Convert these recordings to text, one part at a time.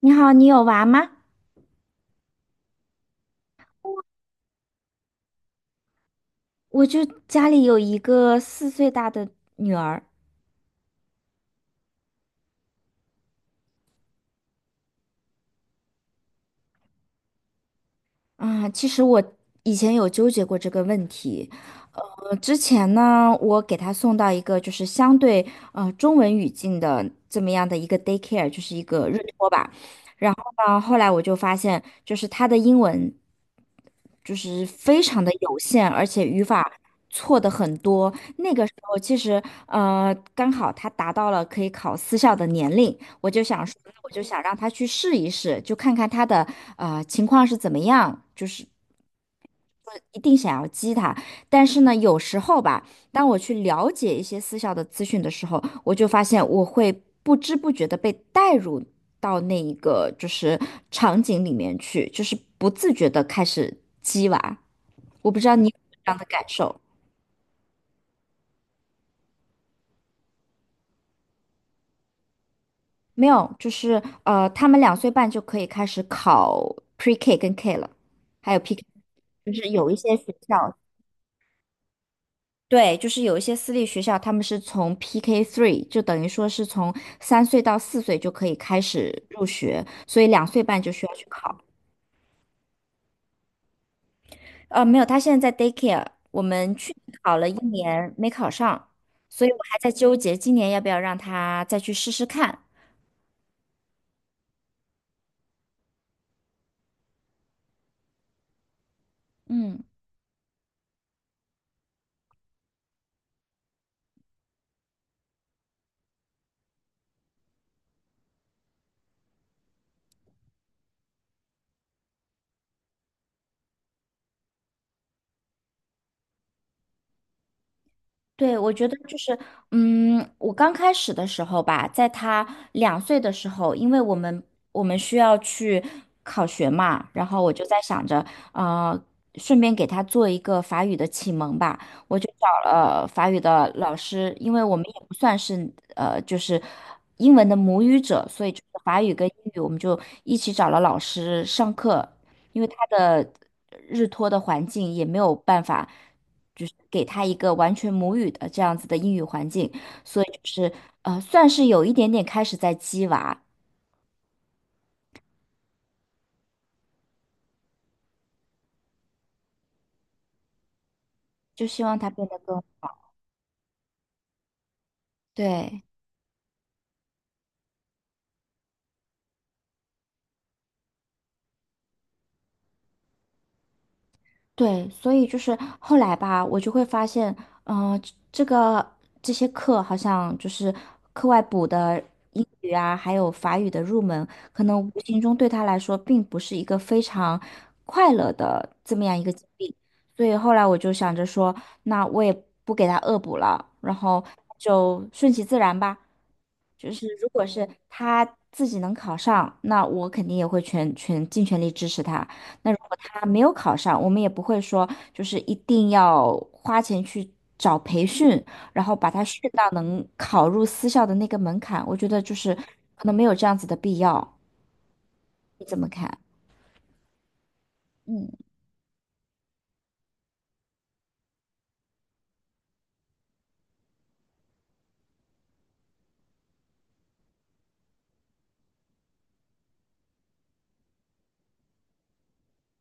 你好，你有娃吗？我就家里有一个四岁大的女儿啊。其实我以前有纠结过这个问题。之前呢，我给她送到一个就是相对中文语境的这么样的一个 daycare，就是一个日托吧。然后呢，后来我就发现，就是她的英文就是非常的有限，而且语法错的很多。那个时候其实刚好她达到了可以考私校的年龄。我就想说，那我就想让他去试一试，就看看他的情况是怎么样，就是不一定想要激他。但是呢，有时候吧，当我去了解一些私校的资讯的时候，我就发现我会不知不觉的被带入到那一个就是场景里面去，就是不自觉的开始激娃，不知道你有这样的感受没有？就是他们两岁半就可以开始考 Pre K 跟 K 了，还有 P K。就是有一些学校，对，就是有一些私立学校，他们是从 PK three，就等于说是从三岁到四岁就可以开始入学，所以两岁半就需要去考。没有，他现在在 daycare，我们去年考了一年没考上，所以我还在纠结今年要不要让他再去试试看。嗯。对，我觉得就是，我刚开始的时候吧，在他两岁的时候，因为我们需要去考学嘛，然后我就在想着，呃，顺便给他做一个法语的启蒙吧，我就找了法语的老师，因为我们也不算是就是英文的母语者，所以就是法语跟英语我们就一起找了老师上课，因为他的。日托的环境也没有办法，就是给他一个完全母语的这样子的英语环境，所以就是算是有一点点开始在激娃，就希望他变得更对对，所以就是后来吧，我就会发现，嗯、这这个这些课好像就是课外补的。英语啊，还有法语的入门，可能无形中对他来说并不是一个非常所以后来我就想着说，那我也不给他恶补了，然后就顺其自然吧。就是如果是他自己能考上，那我肯定也会尽全力支持他。那如果他没有考上，我们也不会说就是一定要花钱去找培训，然后把他训到能考入私校的那个门槛。我觉得就是可能没有这样子的必要。你怎么看？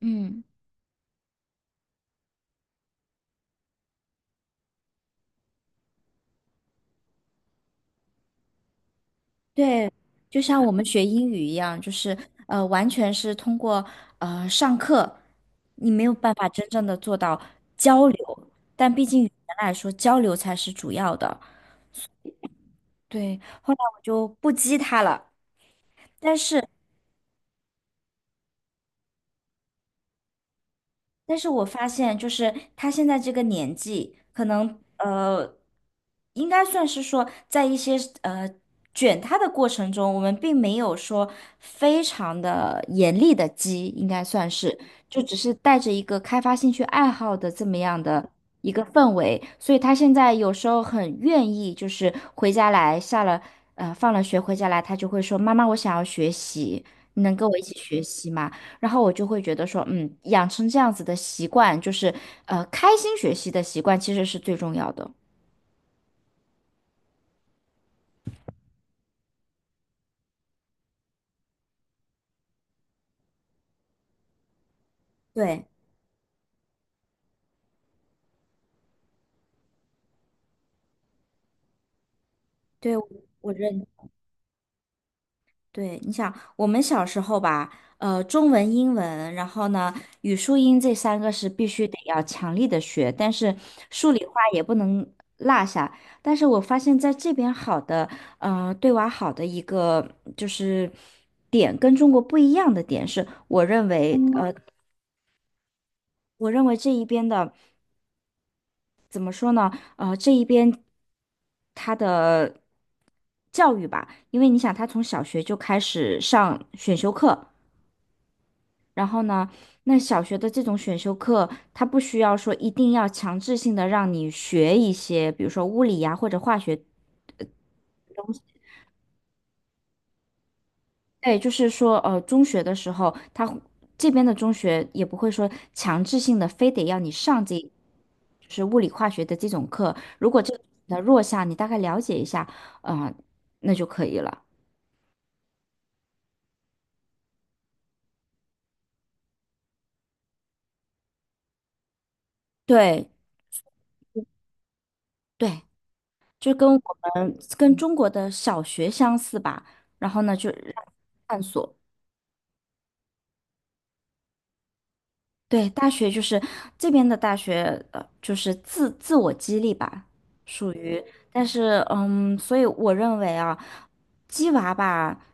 嗯。对，就像我们学英语一样，就是完全是通过上课，你没有办法真正的做到交流，但毕竟语言来说，交流才是主要的。对，后来我就不激他了，但是我发现，就是他现在这个年纪，可能应该算是说，在一些呃卷他的过程中，我们并没有说非常的严厉的激，应该算是，就只是带着一个开发兴趣爱好的这么样的一个氛围，所以他现在有时候很愿意，就是回家来下了放了学回家来，他就会说：“妈妈，我想要学习，你能跟我一起学习吗？”然后我就会觉得说，养成这样子的习惯，就是开心学习的习惯，其实是最重要的。对对，我认对。你想，我们小时候吧，中文、英文，然后呢，语数英这三个是必须得要强力的学，但是数理化也不能落下。但是我发现在这边好的，对娃好的一个就是点，跟中国不一样的点是，我认为，我认为这一边的。怎么说呢？这一边他的教育吧，因为你想，他从小学就开始上选修课，然后呢，那小学的这种选修课，他不需要说一定要强制性的让你学一些，比如说物理呀或者化学对，就是说，中学的时候，他会这边的中学也不会说强制性的非得要你上这，就是物理化学的这种课。如果这个的弱项，你大概了解一下，啊、那就可以了。对对，就跟我们跟中国的小学相似吧。然后呢，就让探索。对，大学就是这边的大学，就是我激励吧，属于。但是，所以我认为啊，鸡娃吧，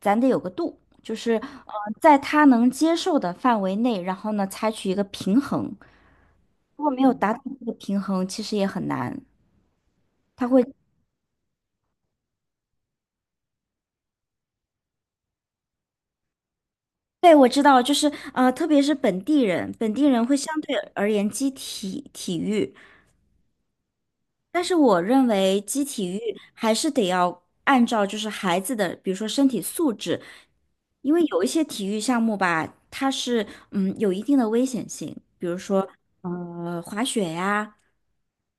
咱得有个度，就是在他能接受的范围内，然后呢，采取一个平衡。如果没有达到这个平衡，其实也很难。他会，对，我知道，就是特别是本地人，本地人会相对而言激体育，但是我认为基体育还是得要按照就是孩子的，比如说身体素质，因为有一些体育项目吧，它是有一定的危险性，比如说滑雪呀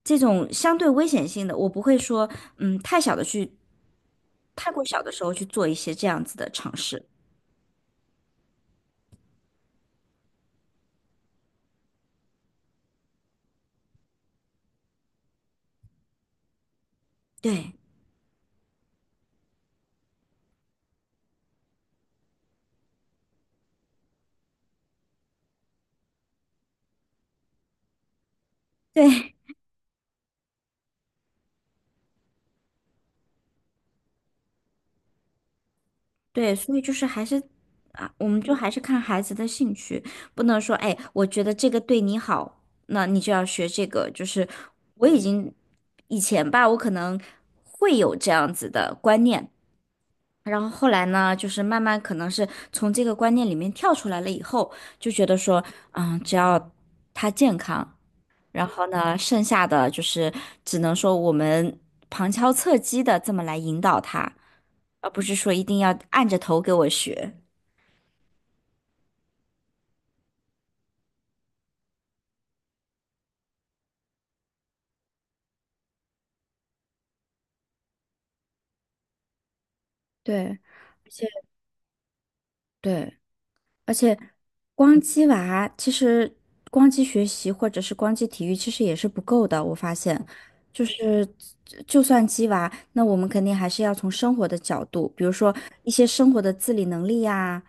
这种相对危险性的，我不会说太小的去，太过小的时候去做一些这样子的尝试。对对对，所以就是还是。我们就还是看孩子的兴趣，不能说，哎，我觉得这个对你好，那你就要学这个。就是我已经以前吧，我可能会有这样子的观念，然后后来呢，就是慢慢可能是从这个观念里面跳出来了以后，就觉得说，只要他健康，然后呢，剩下的就是只能说我们旁敲侧击的这么来引导他，而不是说一定要按着头给我学。对。而且对，而且光鸡娃其实光鸡学习或者是光鸡体育其实也是不够的，我发现，就是就算鸡娃，那我们肯定还是要从生活的角度，比如说一些生活的自理能力呀、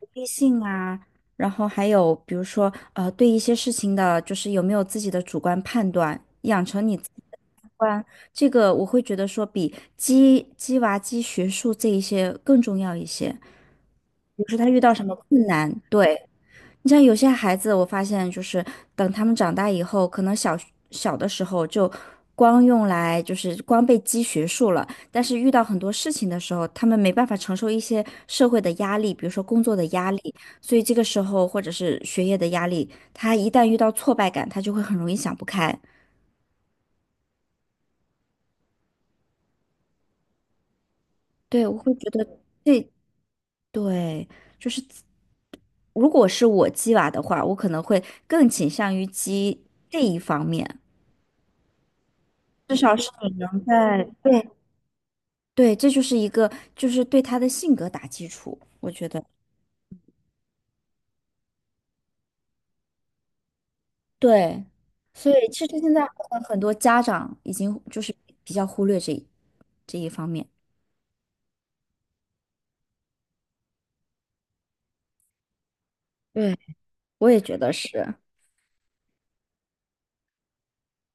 独立性啊，然后还有比如说对一些事情的，就是有没有自己的主观判断，养成你。不然，这个我会觉得说比鸡娃鸡学术这一些更重要一些。比如说他遇到什么困难，对，你像有些孩子，我发现就是等他们长大以后，可能小小的时候就光用来就是光被鸡学术了，但是遇到很多事情的时候，他们没办法承受一些社会的压力，比如说工作的压力，所以这个时候或者是学业的压力，他一旦遇到挫败感，他就会很容易想不开。对，我会觉得。这对，就是如果是我鸡娃的话，我可能会更倾向于鸡这一方面，至少是你能在，对对，这就是一个就是对他的性格打基础，我觉得对，所以其实现在好像很多家长已经就是比较忽略这一方面，对，我也觉得是，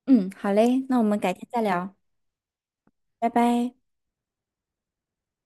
嗯，好嘞，那我们改天再聊，拜拜。